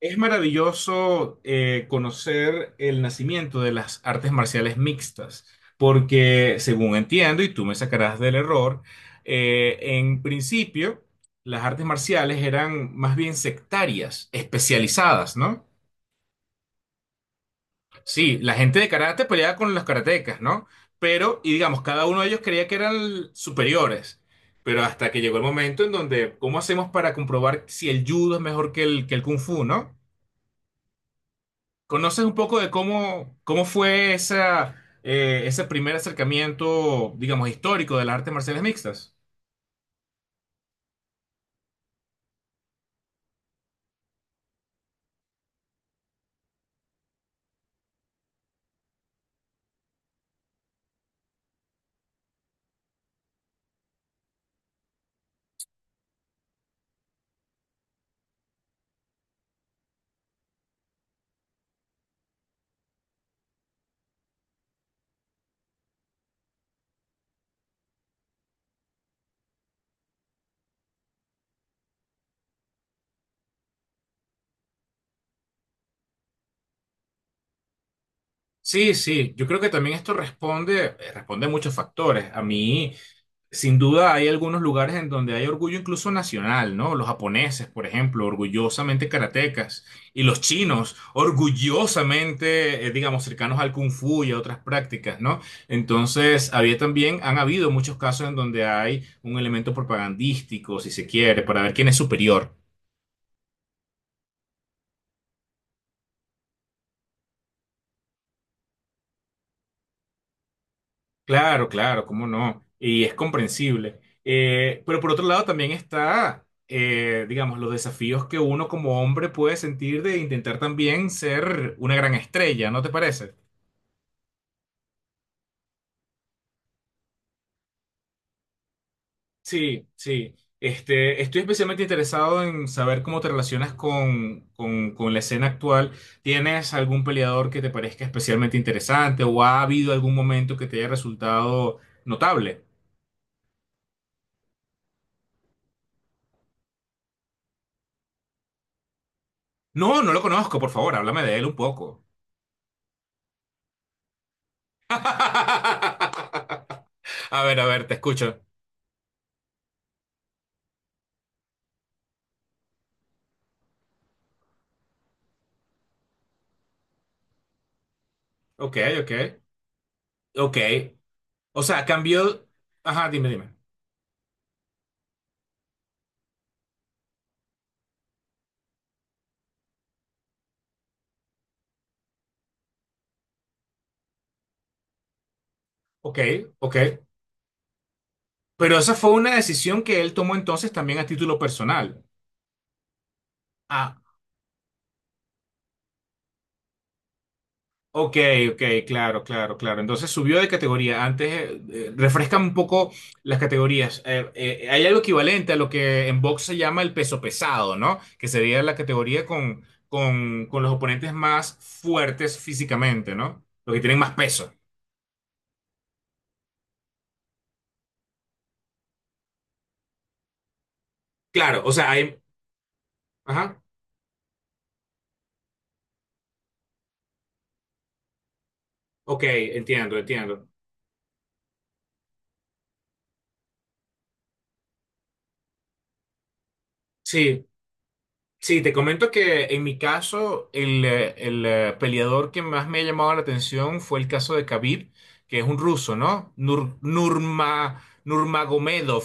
Es maravilloso, conocer el nacimiento de las artes marciales mixtas, porque según entiendo, y tú me sacarás del error, en principio las artes marciales eran más bien sectarias, especializadas, ¿no? Sí, la gente de karate peleaba con los karatecas, ¿no? Pero, y digamos, cada uno de ellos creía que eran superiores, pero hasta que llegó el momento en donde, ¿cómo hacemos para comprobar si el judo es mejor que que el kung fu, ¿no? ¿Conoces un poco de cómo fue esa, ese primer acercamiento, digamos, histórico de las artes marciales mixtas? Sí, sí, yo creo que también esto responde, responde a muchos factores. A mí, sin duda, hay algunos lugares en donde hay orgullo incluso nacional, ¿no? Los japoneses, por ejemplo, orgullosamente karatecas, y los chinos, orgullosamente, digamos, cercanos al kung fu y a otras prácticas, ¿no? Entonces, había también, han habido muchos casos en donde hay un elemento propagandístico, si se quiere, para ver quién es superior. Claro, claro, cómo no. Y es comprensible. Pero por otro lado también está, digamos, los desafíos que uno como hombre puede sentir de intentar también ser una gran estrella, ¿no te parece? Sí, sí. Este, estoy especialmente interesado en saber cómo te relacionas con la escena actual. ¿Tienes algún peleador que te parezca especialmente interesante o ha habido algún momento que te haya resultado notable? No, no lo conozco, por favor, háblame de él un poco. A ver, te escucho. Ok, ok, ok. O sea, cambió. Ajá, dime, dime. Ok, ok. Pero esa fue una decisión que él tomó entonces también a título personal. Ah, ok, ok, claro, claro, claro. Entonces subió de categoría. Antes, refrescan un poco las categorías. Hay algo equivalente a lo que en box se llama el peso pesado, ¿no? Que sería la categoría con, con los oponentes más fuertes físicamente, ¿no? Los que tienen más peso. Claro, o sea, hay... Ajá. Ok, entiendo, entiendo. Sí, sí, te comento que en mi caso el peleador que más me ha llamado la atención fue el caso de Khabib, que es un ruso, ¿no? Nur, Nurma, Nurmagomedov.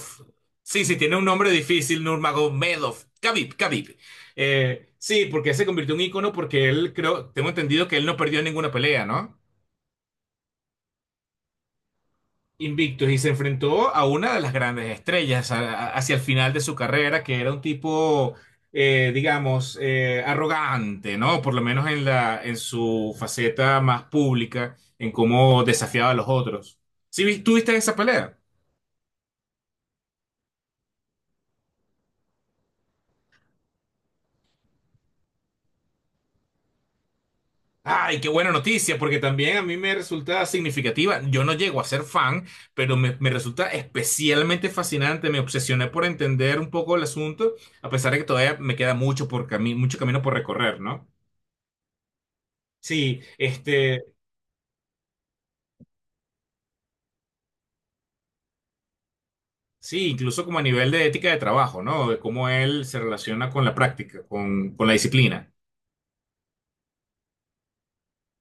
Sí, sí, tiene un nombre difícil, Nurmagomedov. Khabib, Khabib. Sí, porque se convirtió en ícono porque él, creo, tengo entendido que él no perdió ninguna pelea, ¿no? Invictus y se enfrentó a una de las grandes estrellas a- hacia el final de su carrera, que era un tipo, digamos, arrogante, ¿no? Por lo menos en la, en su faceta más pública, en cómo desafiaba a los otros. ¿Sí vis- tú viste esa pelea? Ay, qué buena noticia, porque también a mí me resulta significativa. Yo no llego a ser fan, pero me resulta especialmente fascinante. Me obsesioné por entender un poco el asunto, a pesar de que todavía me queda mucho por cami- mucho camino por recorrer, ¿no? Sí, este, sí, incluso como a nivel de ética de trabajo, ¿no? De cómo él se relaciona con la práctica, con la disciplina.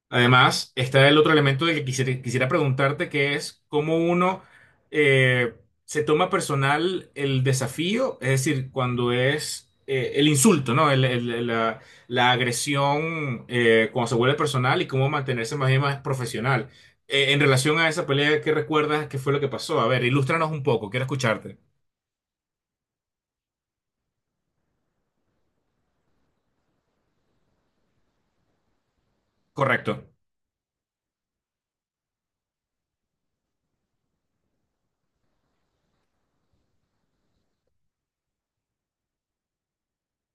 Además, está el otro elemento de que quisiera preguntarte, que es cómo uno eh, se toma personal el desafío, es decir, cuando es, el insulto, ¿no? La, la agresión, cuando se vuelve personal y cómo mantenerse más bien más profesional. En relación a esa pelea, ¿qué recuerdas? ¿Qué fue lo que pasó? A ver, ilústranos un poco, quiero escucharte. Correcto.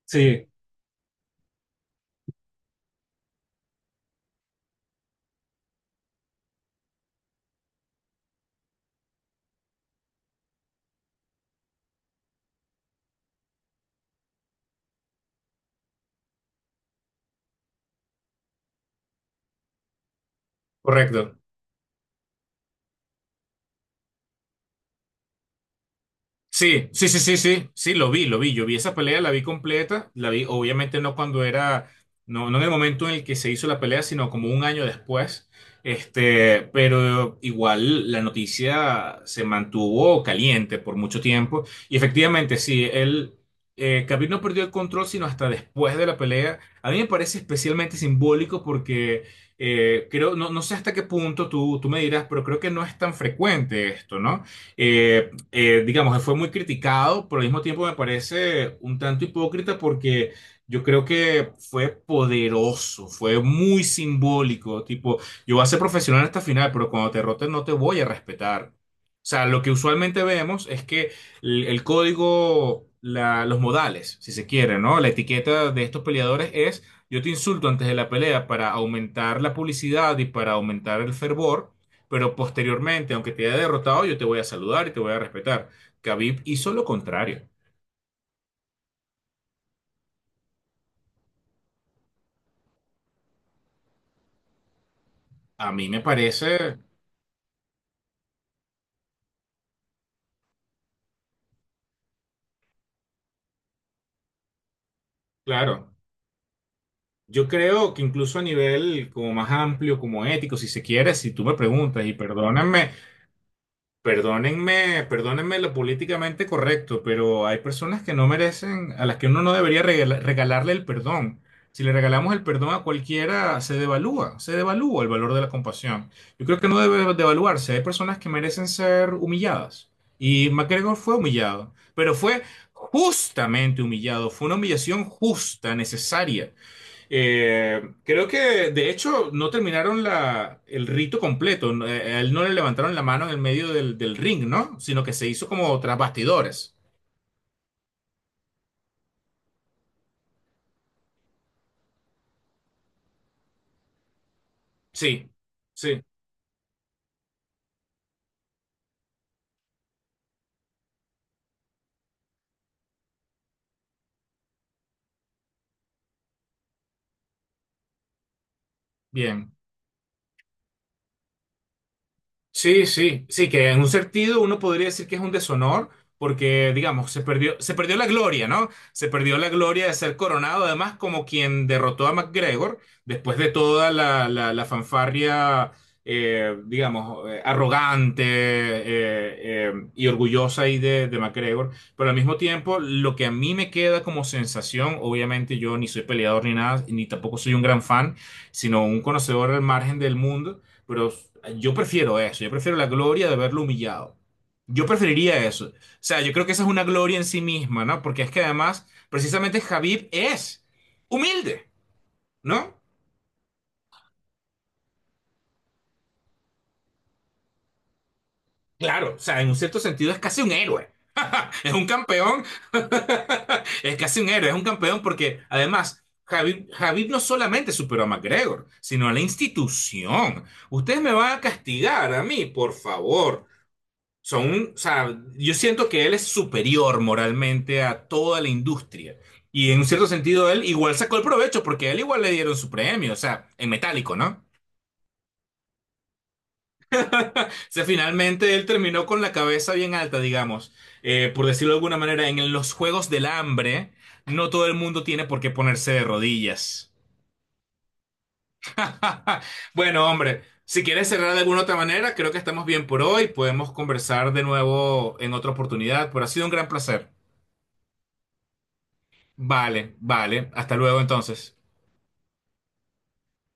Sí, correcto. Sí, sí, sí, sí, sí, sí, lo vi, yo vi esa pelea, la vi completa, la vi obviamente no cuando era, no, no en el momento en el que se hizo la pelea, sino como un año después, este, pero igual la noticia se mantuvo caliente por mucho tiempo y efectivamente sí, él, Khabib no perdió el control sino hasta después de la pelea, a mí me parece especialmente simbólico porque, creo, no, no sé hasta qué punto tú me dirás, pero creo que no es tan frecuente esto, ¿no? Eh, digamos, fue muy criticado, pero al mismo tiempo me parece un tanto hipócrita porque yo creo que fue poderoso, fue muy simbólico, tipo, yo voy a ser profesional hasta el final, pero cuando te roten no te voy a respetar. O sea, lo que usualmente vemos es que el código, los modales, si se quiere, ¿no? La etiqueta de estos peleadores es, yo te insulto antes de la pelea para aumentar la publicidad y para aumentar el fervor, pero posteriormente, aunque te haya derrotado, yo te voy a saludar y te voy a respetar. Khabib hizo lo contrario. A mí me parece, claro, yo creo que incluso a nivel como más amplio, como ético, si se quiere, si tú me preguntas, y perdóname, perdónenme, perdónenme lo políticamente correcto, pero hay personas que no merecen, a las que uno no debería regala- regalarle el perdón. Si le regalamos el perdón a cualquiera, se devalúa el valor de la compasión. Yo creo que no debe devaluarse. Hay personas que merecen ser humilladas. Y MacGregor fue humillado, pero fue justamente humillado. Fue una humillación justa, necesaria. Creo que, de hecho, no terminaron la, el rito completo. No, a él no le levantaron la mano en el medio del, del ring, ¿no? Sino que se hizo como tras bastidores. Sí, sí, bien. Sí, sí, sí, que en un sentido uno podría decir que es un deshonor porque, digamos, se perdió la gloria, ¿no? Se perdió la gloria de ser coronado, además como quien derrotó a McGregor después de toda la fanfarria, digamos, arrogante y orgullosa ahí de McGregor. Pero al mismo tiempo, lo que a mí me queda como sensación, obviamente yo ni soy peleador ni nada, ni tampoco soy un gran fan, sino un conocedor al margen del mundo. Pero yo prefiero eso, yo prefiero la gloria de verlo humillado. Yo preferiría eso. O sea, yo creo que esa es una gloria en sí misma, ¿no? Porque es que además, precisamente Javib es humilde, ¿no? Claro, o sea, en un cierto sentido es casi un héroe. Es un campeón. Es casi un héroe, es un campeón porque además... Javib, Javib no solamente superó a McGregor, sino a la institución. Ustedes me van a castigar a mí, por favor. Son un, o sea, yo siento que él es superior moralmente a toda la industria. Y en un cierto sentido, él igual sacó el provecho porque a él igual le dieron su premio, o sea, en metálico, ¿no? O sea, finalmente él terminó con la cabeza bien alta, digamos. Por decirlo de alguna manera, en los Juegos del Hambre, no todo el mundo tiene por qué ponerse de rodillas. Bueno, hombre, si quieres cerrar de alguna otra manera, creo que estamos bien por hoy. Podemos conversar de nuevo en otra oportunidad, pero ha sido un gran placer. Vale, vale. Hasta luego entonces.